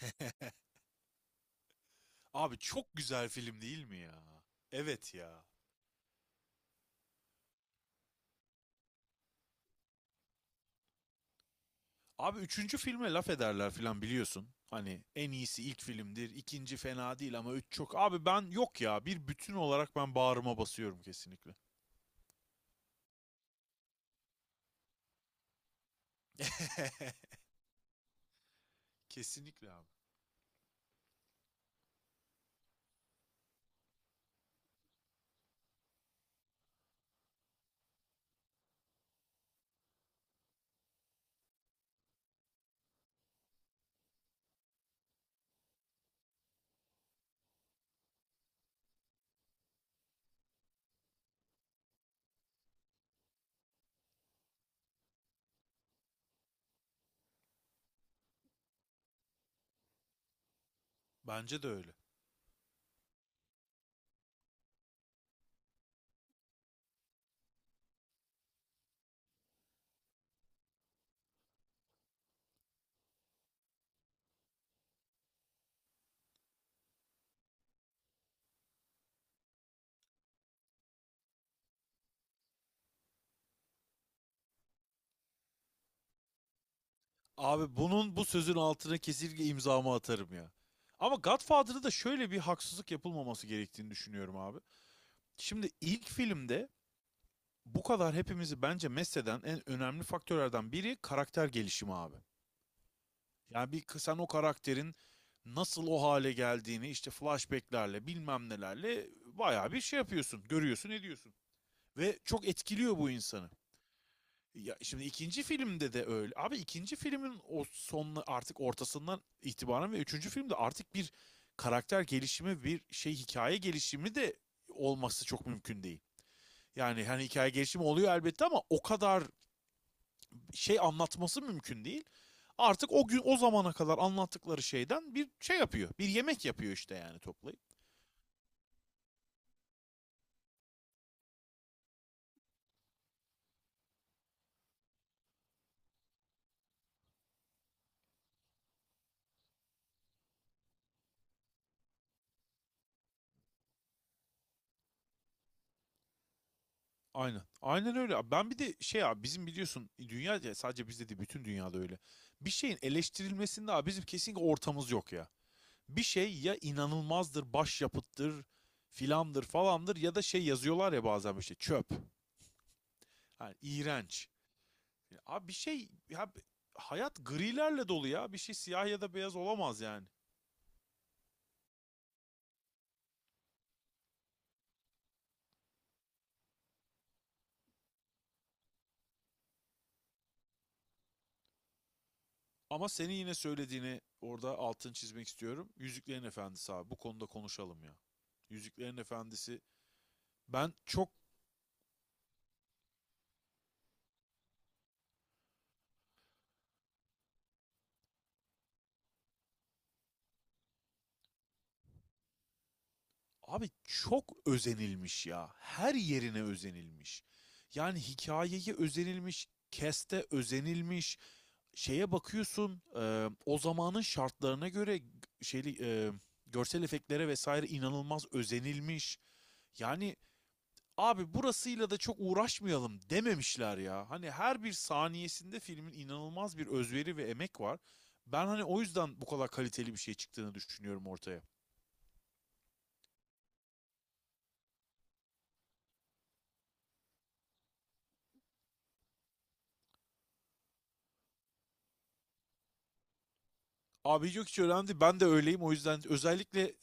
Abi, çok güzel film değil mi ya? Evet ya. Abi, üçüncü filme laf ederler filan biliyorsun. Hani en iyisi ilk filmdir, ikinci fena değil ama üç çok. Abi ben yok ya, bir bütün olarak ben bağrıma basıyorum kesinlikle. Kesinlikle abi. Bence de öyle. Abi, bunun bu sözün altına kesinlikle imzamı atarım ya. Ama Godfather'da da şöyle bir haksızlık yapılmaması gerektiğini düşünüyorum abi. Şimdi ilk filmde bu kadar hepimizi bence mesleden en önemli faktörlerden biri karakter gelişimi abi. Yani bir sen o karakterin nasıl o hale geldiğini işte flashbacklerle bilmem nelerle bayağı bir şey yapıyorsun, görüyorsun, ediyorsun. Ve çok etkiliyor bu insanı. Ya, şimdi ikinci filmde de öyle. Abi, ikinci filmin o son artık ortasından itibaren ve üçüncü filmde artık bir karakter gelişimi, bir şey hikaye gelişimi de olması çok mümkün değil. Yani hani hikaye gelişimi oluyor elbette ama o kadar şey anlatması mümkün değil. Artık o gün o zamana kadar anlattıkları şeyden bir şey yapıyor. Bir yemek yapıyor işte yani toplayıp. Aynen. Aynen öyle, abi. Ben bir de şey abi, bizim biliyorsun dünya ya sadece bizde değil bütün dünyada öyle. Bir şeyin eleştirilmesinde abi bizim kesinlikle ortamız yok ya. Bir şey ya inanılmazdır, başyapıttır, filandır falandır ya da şey yazıyorlar ya bazen işte çöp. Yani iğrenç. Ya abi, bir şey ya, hayat grilerle dolu ya. Bir şey siyah ya da beyaz olamaz yani. Ama senin yine söylediğini orada altını çizmek istiyorum. Yüzüklerin Efendisi, abi, bu konuda konuşalım ya. Yüzüklerin Efendisi, ben çok abi, çok özenilmiş ya. Her yerine özenilmiş. Yani hikayeye özenilmiş, keste özenilmiş, şeye bakıyorsun, o zamanın şartlarına göre şeyli, görsel efektlere vesaire inanılmaz özenilmiş. Yani abi, burasıyla da çok uğraşmayalım dememişler ya. Hani her bir saniyesinde filmin inanılmaz bir özveri ve emek var. Ben hani o yüzden bu kadar kaliteli bir şey çıktığını düşünüyorum ortaya. Abi yok, hiç önemli değil. Ben de öyleyim. O yüzden özellikle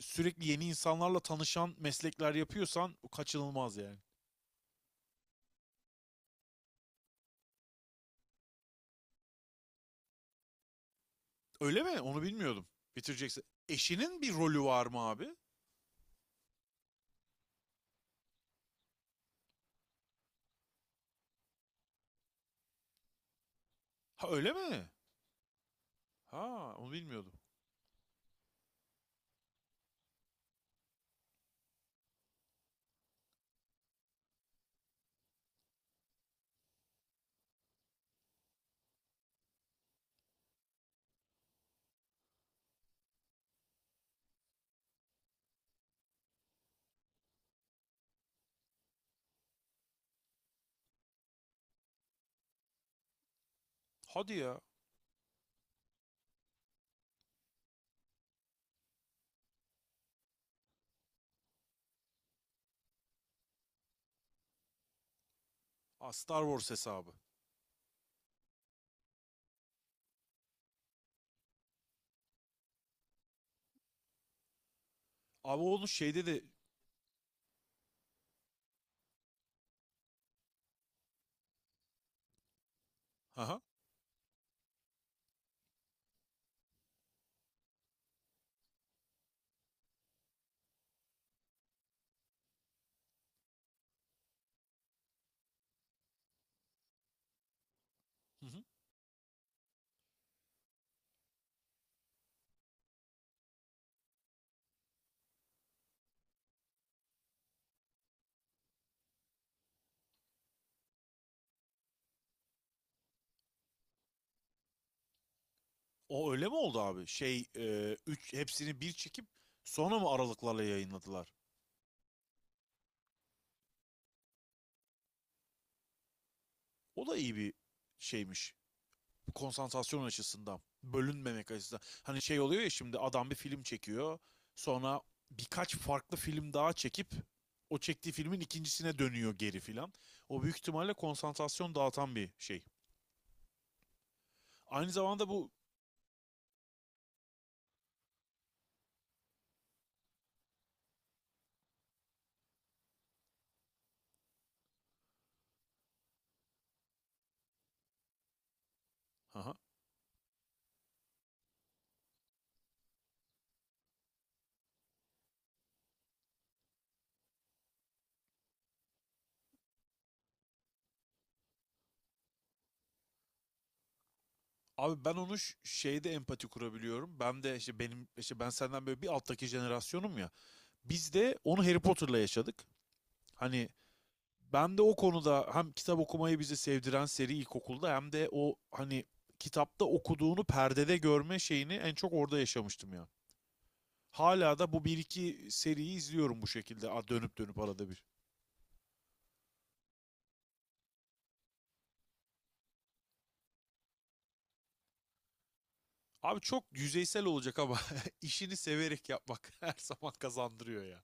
sürekli yeni insanlarla tanışan meslekler yapıyorsan kaçınılmaz yani. Öyle mi? Onu bilmiyordum. Bitireceksin. Eşinin bir rolü var mı abi? Ha öyle mi? Ha, onu bilmiyordum. Hadi ya. Aa, Star Wars hesabı. Abi onun şeyde de... Aha. Hı hı. O öyle mi oldu abi? Şey, üç, hepsini bir çekip sonra mı aralıklarla yayınladılar? O da iyi bir şeymiş. Bu konsantrasyon açısından, bölünmemek açısından. Hani şey oluyor ya, şimdi adam bir film çekiyor. Sonra birkaç farklı film daha çekip o çektiği filmin ikincisine dönüyor geri filan. O büyük ihtimalle konsantrasyon dağıtan bir şey. Aynı zamanda bu. Aha. Abi ben onu şeyde empati kurabiliyorum. Ben de işte benim işte ben senden böyle bir alttaki jenerasyonum ya. Biz de onu Harry Potter'la yaşadık. Hani ben de o konuda hem kitap okumayı bizi sevdiren seri ilkokulda hem de o hani kitapta okuduğunu perdede görme şeyini en çok orada yaşamıştım ya. Hala da bu bir iki seriyi izliyorum bu şekilde, dönüp dönüp arada bir. Abi çok yüzeysel olacak ama işini severek yapmak her zaman kazandırıyor ya.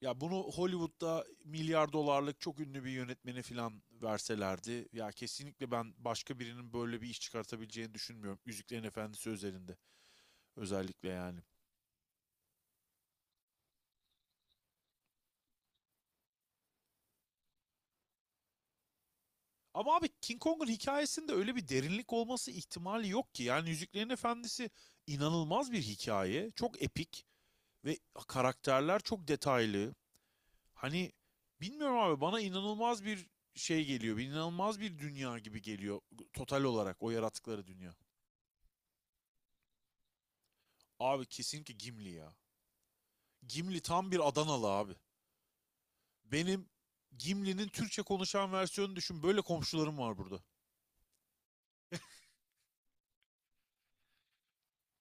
Ya bunu Hollywood'da milyar dolarlık çok ünlü bir yönetmene falan verselerdi ya, kesinlikle ben başka birinin böyle bir iş çıkartabileceğini düşünmüyorum. Yüzüklerin Efendisi özelinde özellikle yani. Ama abi, King Kong'un hikayesinde öyle bir derinlik olması ihtimali yok ki. Yani Yüzüklerin Efendisi inanılmaz bir hikaye. Çok epik ve karakterler çok detaylı. Hani bilmiyorum abi, bana inanılmaz bir şey geliyor. Bir inanılmaz bir dünya gibi geliyor, total olarak o yarattıkları dünya. Abi kesinlikle Gimli ya. Gimli tam bir Adanalı abi. Benim Gimli'nin Türkçe konuşan versiyonunu düşün. Böyle komşularım var burada.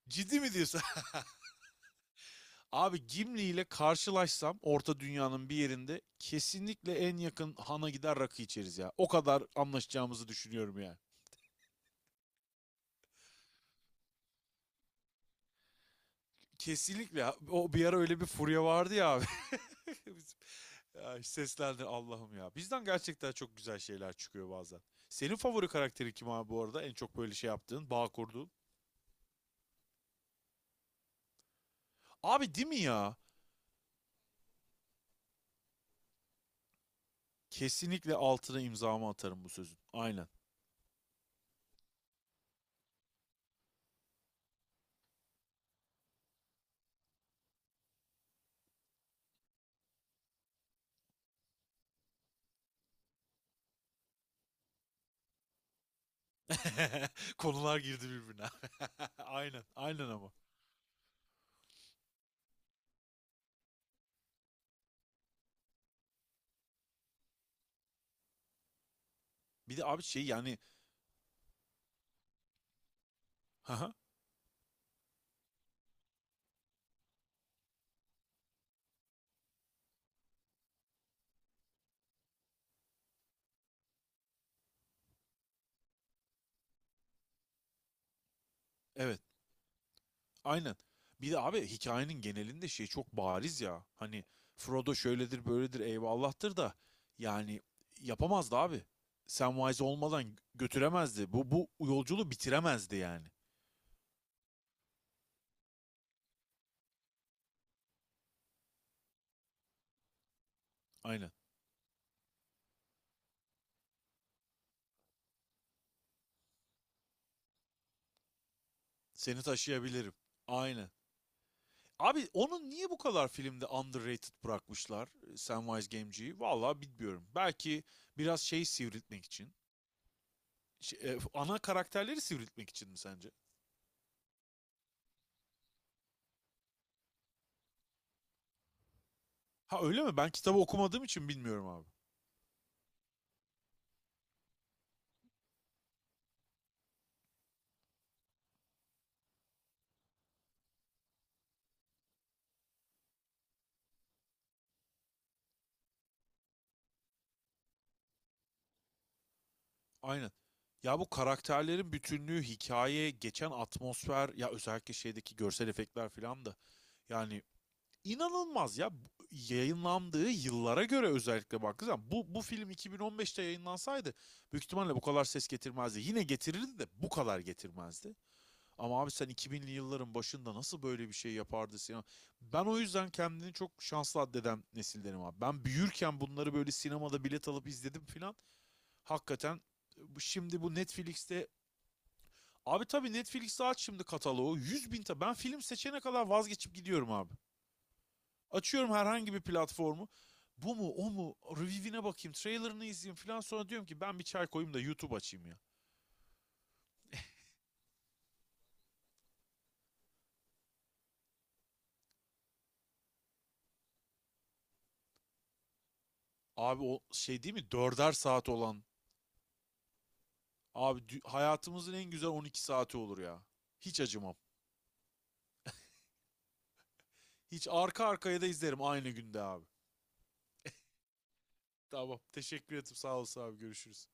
Ciddi mi diyorsun? Abi, Gimli ile karşılaşsam Orta Dünya'nın bir yerinde kesinlikle en yakın hana gider rakı içeriz ya. O kadar anlaşacağımızı düşünüyorum yani. Kesinlikle. O bir ara öyle bir furya vardı ya abi. Biz- ya seslendi Allah'ım ya. Bizden gerçekten çok güzel şeyler çıkıyor bazen. Senin favori karakteri kim abi bu arada? En çok böyle şey yaptığın, bağ kurduğun. Abi değil mi ya? Kesinlikle altına imzamı atarım bu sözün. Aynen. Konular girdi birbirine. Aynen, aynen ama. Bir de abi şey yani, haha, evet. Aynen. Bir de abi hikayenin genelinde şey çok bariz ya. Hani Frodo şöyledir böyledir eyvallahtır da, yani, yapamazdı abi. Samwise olmadan götüremezdi. Bu yolculuğu bitiremezdi yani. Aynen. Seni taşıyabilirim. Aynen. Abi onun niye bu kadar filmde underrated bırakmışlar Samwise Gamgee'yi? Vallahi bilmiyorum. Belki biraz şey sivriltmek için. Şey, ana karakterleri sivriltmek için mi sence? Ha öyle mi? Ben kitabı okumadığım için bilmiyorum abi. Aynen. Ya bu karakterlerin bütünlüğü, hikaye, geçen atmosfer ya, özellikle şeydeki görsel efektler filan da, yani inanılmaz ya. Yayınlandığı yıllara göre özellikle baktığı zaman bu film 2015'te yayınlansaydı büyük ihtimalle bu kadar ses getirmezdi. Yine getirirdi de bu kadar getirmezdi. Ama abi sen 2000'li yılların başında nasıl böyle bir şey yapardı sinema? Ben o yüzden kendini çok şanslı addeden nesildenim abi. Ben büyürken bunları böyle sinemada bilet alıp izledim filan. Hakikaten şimdi bu Netflix'te, abi tabii Netflix'te aç şimdi kataloğu 100 bin ta ben film seçene kadar vazgeçip gidiyorum abi. Açıyorum herhangi bir platformu. Bu mu o mu review'ine bakayım, trailerını izleyeyim filan, sonra diyorum ki ben bir çay koyayım da YouTube açayım ya. Abi o şey değil mi dörder saat olan. Abi hayatımızın en güzel 12 saati olur ya. Hiç acımam. Hiç arka arkaya da izlerim aynı günde abi. Tamam. Teşekkür ederim. Sağ olasın abi. Görüşürüz.